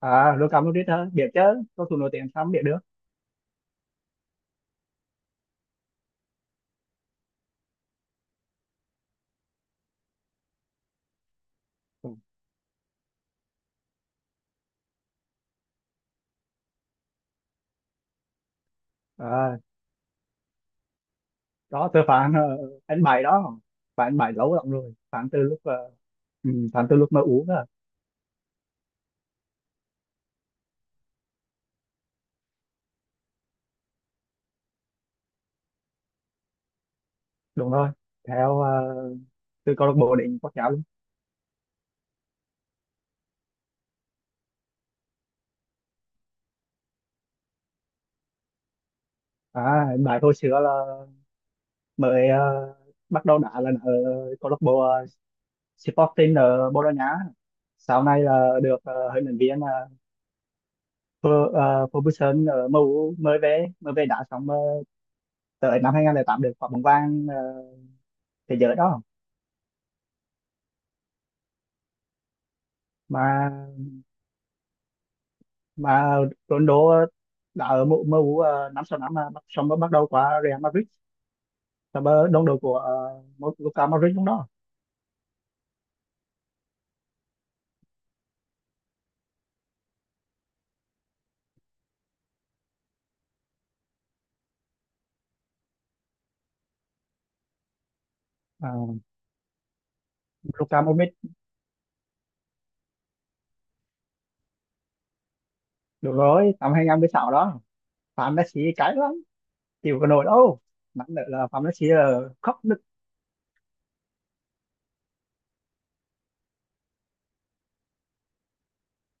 À, Lưu cảm logic hả? Biết chứ, cầu thủ nổi tiếng sao không biết được. Ừ. À, đó tôi phán anh bảy đó, phán anh bảy lâu lắm rồi, phán từ lúc ừ, phán từ lúc mà uống à. Đúng rồi, theo từ câu lạc bộ đến quốc gia luôn. À, anh bảy hồi xưa là mới bắt đầu đá là ở câu lạc bộ Sporting ở Bồ Đào Nha, sau này là được huấn luyện viên Ferguson ở MU mới về, mới về đá xong tới năm 2008 được quả bóng vàng thế giới đó. Mà mà Ronaldo đã ở MU năm sáu năm, xong mới bắt đầu qua Real Madrid, xong mới đồng đội của Luka Modric lúc đó. uh, Luka Modric, đúng rồi, năm 2016 đó. Phạm Messi cái lắm, chịu cái nổi đâu, nặng nữa là Phạm Messi khóc nức.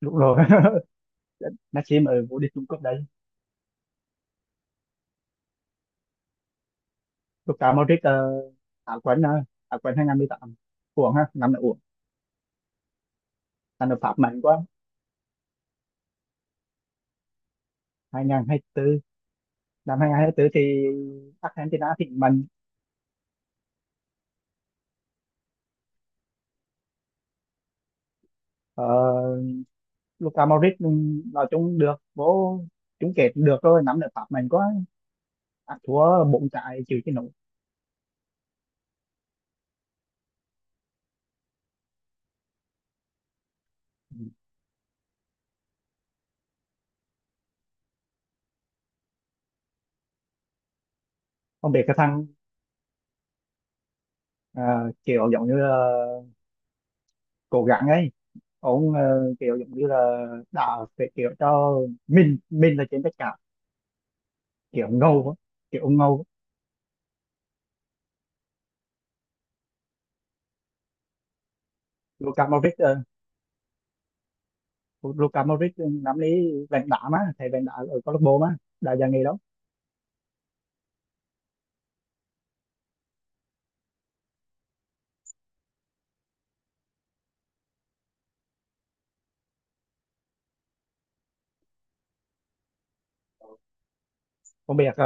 Đúng rồi. Messi mới vô địch chung cúp đấy. Luka Modric á quân, á quân 2018, uổng ha, năm nay uổng. Năm nay Pháp mạnh quá. 2024, năm 2024 thì Argentina thịnh mạnh. Ờ, Luka Modric ừ, nói chung được vô chung kết được rồi, nắm được Pháp mình có ăn thua bốn trái chịu chứ nổi. Không biết cái thằng ờ, kiểu giống như là cố gắng ấy, ông kiểu giống như là đã phải kiểu cho mình là trên tất cả, kiểu ngầu á, kiểu ngầu á. Luka Modric ờ, Luka Modric nắm lấy vàng đá, mà thầy vàng đá ở câu lạc bộ mà đã già nghỉ đó. Không biết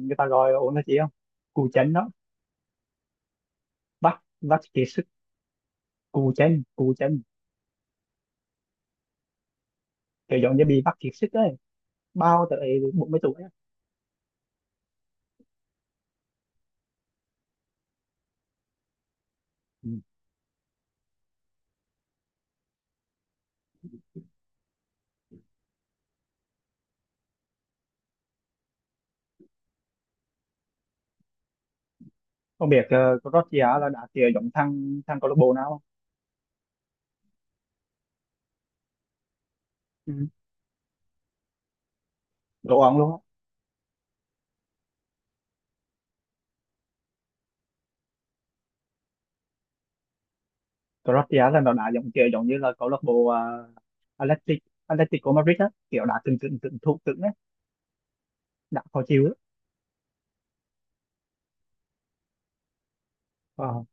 người ta gọi ổn là gì không, cù chân đó, bắt bắt kiệt sức. Cù chân, cù chân, kiểu giống như bị mắc kiệt sức ấy, bao tới 40 tuổi á. Ừ. Không biết Croatia là đá kiểu giống thằng thằng câu lạc bộ nào không? Ừ. Đồ ông luôn á. Croatia là nó đá giống kiểu giống như là câu lạc bộ à, Athletic Atletico Madrid á, kiểu đá cứng, cứng thủ cứng á, đá khó chịu á. Ờ,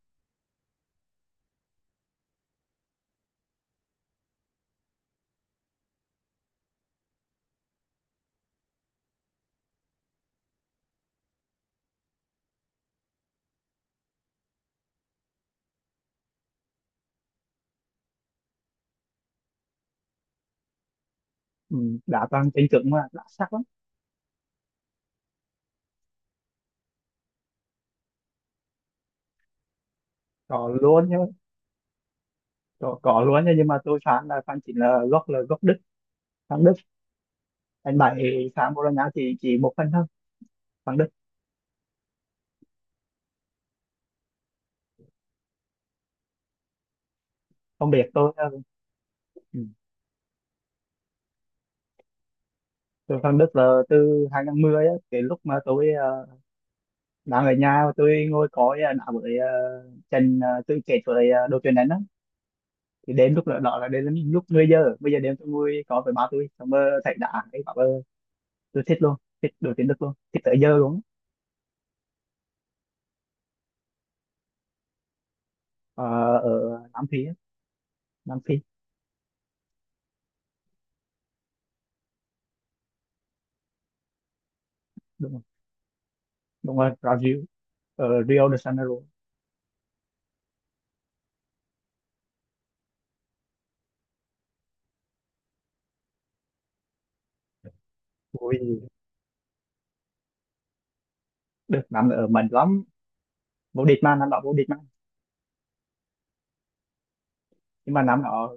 ừ, đá toàn cứng cứng mà đá sắc lắm. Có luôn nhá. Có luôn nhá, nhưng mà tôi phán là phán chính là gốc Đức, thằng Đức. Anh bảy phán Bologna chỉ một phần thôi, thằng Đức. Không biết tôi ừ. Tôi sang Đức là từ 2010 á, cái lúc mà tôi đang ở nhà, tôi ngồi coi đá với Trần tôi kể với đội tuyển anh á, thì đến lúc đó, đó là đến lúc 10 giờ bây giờ đêm, tôi ngồi coi với ba tôi, xong rồi thấy đá cái bảo tôi thích luôn, thích đội tuyển Đức luôn, thích tới giờ luôn. Ờ, ở Nam Phi á. Nam Phi, đúng rồi. Đúng rồi, Brazil, ở Rio de Janeiro. Ui, Đức năm ở mạnh lắm, vô địch mà, năm đó vô địch mà. nhưng mà năm đó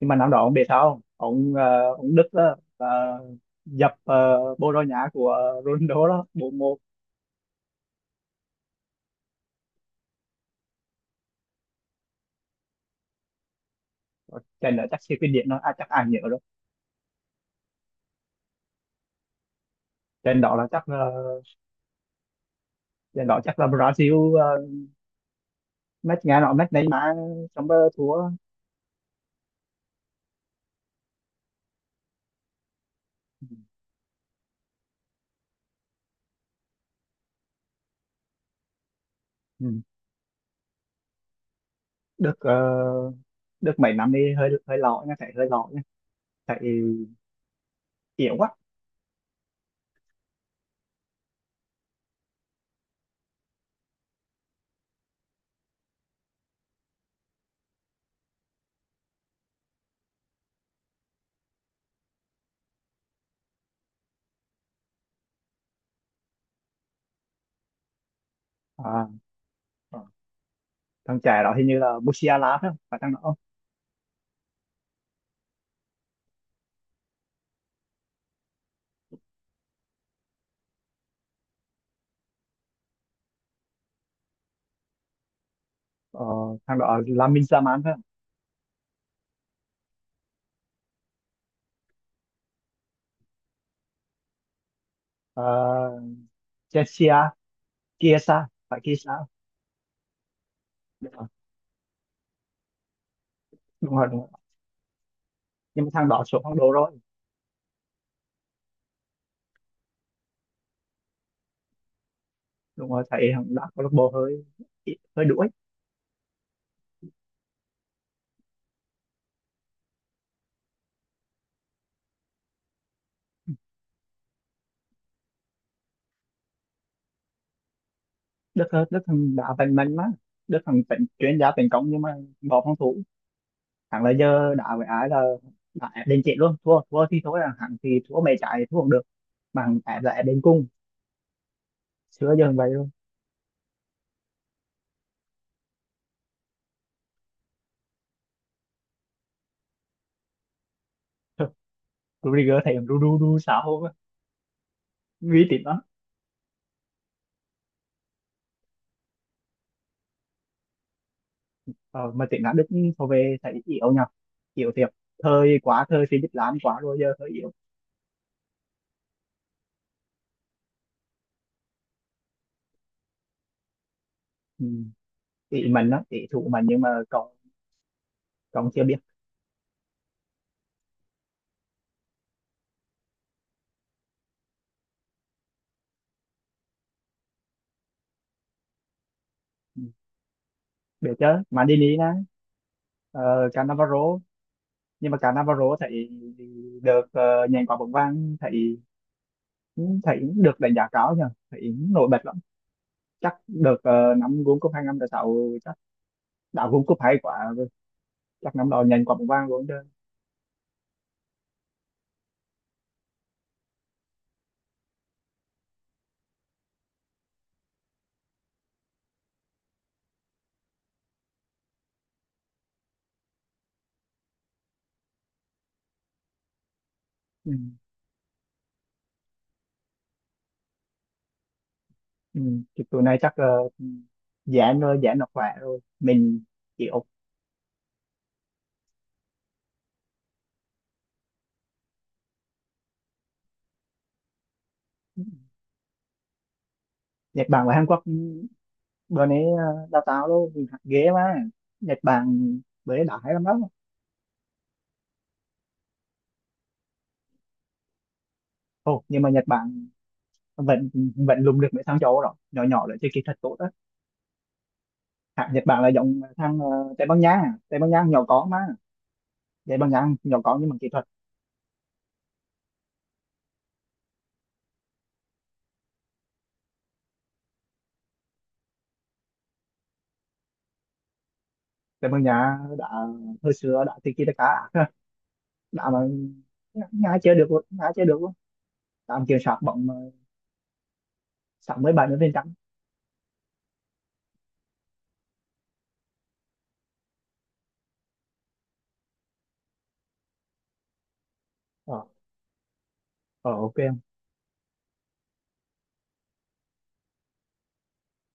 nhưng mà năm đó ông biết sao không? Ông ông Đức đó là dập Bồ Đào Nha của Ronaldo đó 4 một. Trận đó chắc siêu kinh điển đó à, chắc ai nhớ rồi. Trận đó là chắc uh, trận đó chắc là Brazil match, nghe nói match Neymar trong thua. Ừ. Đức Đức mấy năm đi hơi hơi lọ nha, chạy hơi lọ nha, chạy yếu quá. À, ờ. Thằng trẻ đó hình như là Musiala phải không, phải thằng đó không? Ờ, thằng đó là Lamine Yamal phải không? Ờ, Chelsea, Kiesa phải, Kiesa. Ờ, đúng rồi, đúng rồi. Nhưng mà thằng đó xuống phong độ rồi. Đúng rồi, thấy thằng đá câu lạc bộ hơi hơi đuối. Đức Đức thằng đá bên mình mà. Đức thằng tỉnh chuyên gia tấn công nhưng mà bỏ phòng thủ, thằng là giờ đá với ai là đá ép đến chết luôn, thua thua thì thôi, là thằng thì thua mày chạy thua cũng được, mà thằng ép là ép đến cùng. Xưa giờ vậy luôn. Rudiger thấy ru ru ru sao không á, nguy tín lắm. Ờ, mà tiếng Đức thôi, về thấy yếu nhờ, yếu thiệt, thời quá, thời Philip Lahm quá rồi, giờ hơi yếu. Ừ. Ý mình đó, ý thủ mình, nhưng mà còn còn chưa biết. Ừ, biết chứ, Maldini nè, cả Navarro, nhưng mà cả Navarro thấy được nhận quả bóng vàng thấy ừ, thấy được đánh giá cao nhờ, thấy nổi bật lắm. Chắc được năm World Cup hai năm sáu chắc, đã World Cup hay quá, chắc năm đó nhận quả bóng vàng luôn chứ. Ừ. Ừ. Thì tụi này chắc uh, giãn rồi, giãn nó khỏe rồi mình chịu. Nhật Bản và Hàn Quốc ừ, bữa nay đào tạo luôn ghế mà, Nhật Bản bữa nay đã hay lắm đó. Ồ, nhưng mà Nhật Bản vẫn vẫn lùng được mấy thằng châu Âu đó, nhỏ nhỏ đấy chơi kỹ thuật tốt đó. Hạng Nhật Bản là giống thằng Tây Ban Nha, Tây Ban Nha nhỏ có mà, Tây Ban Nha nhỏ có nhưng mà kỹ thuật. Tây Ban Nha đã hồi xưa đã tiki taka ác, đã mà. Nga chơi được luôn, Nga chơi được luôn, tạm kiểm soát bóng 60 70%. Ờ ờ, ok.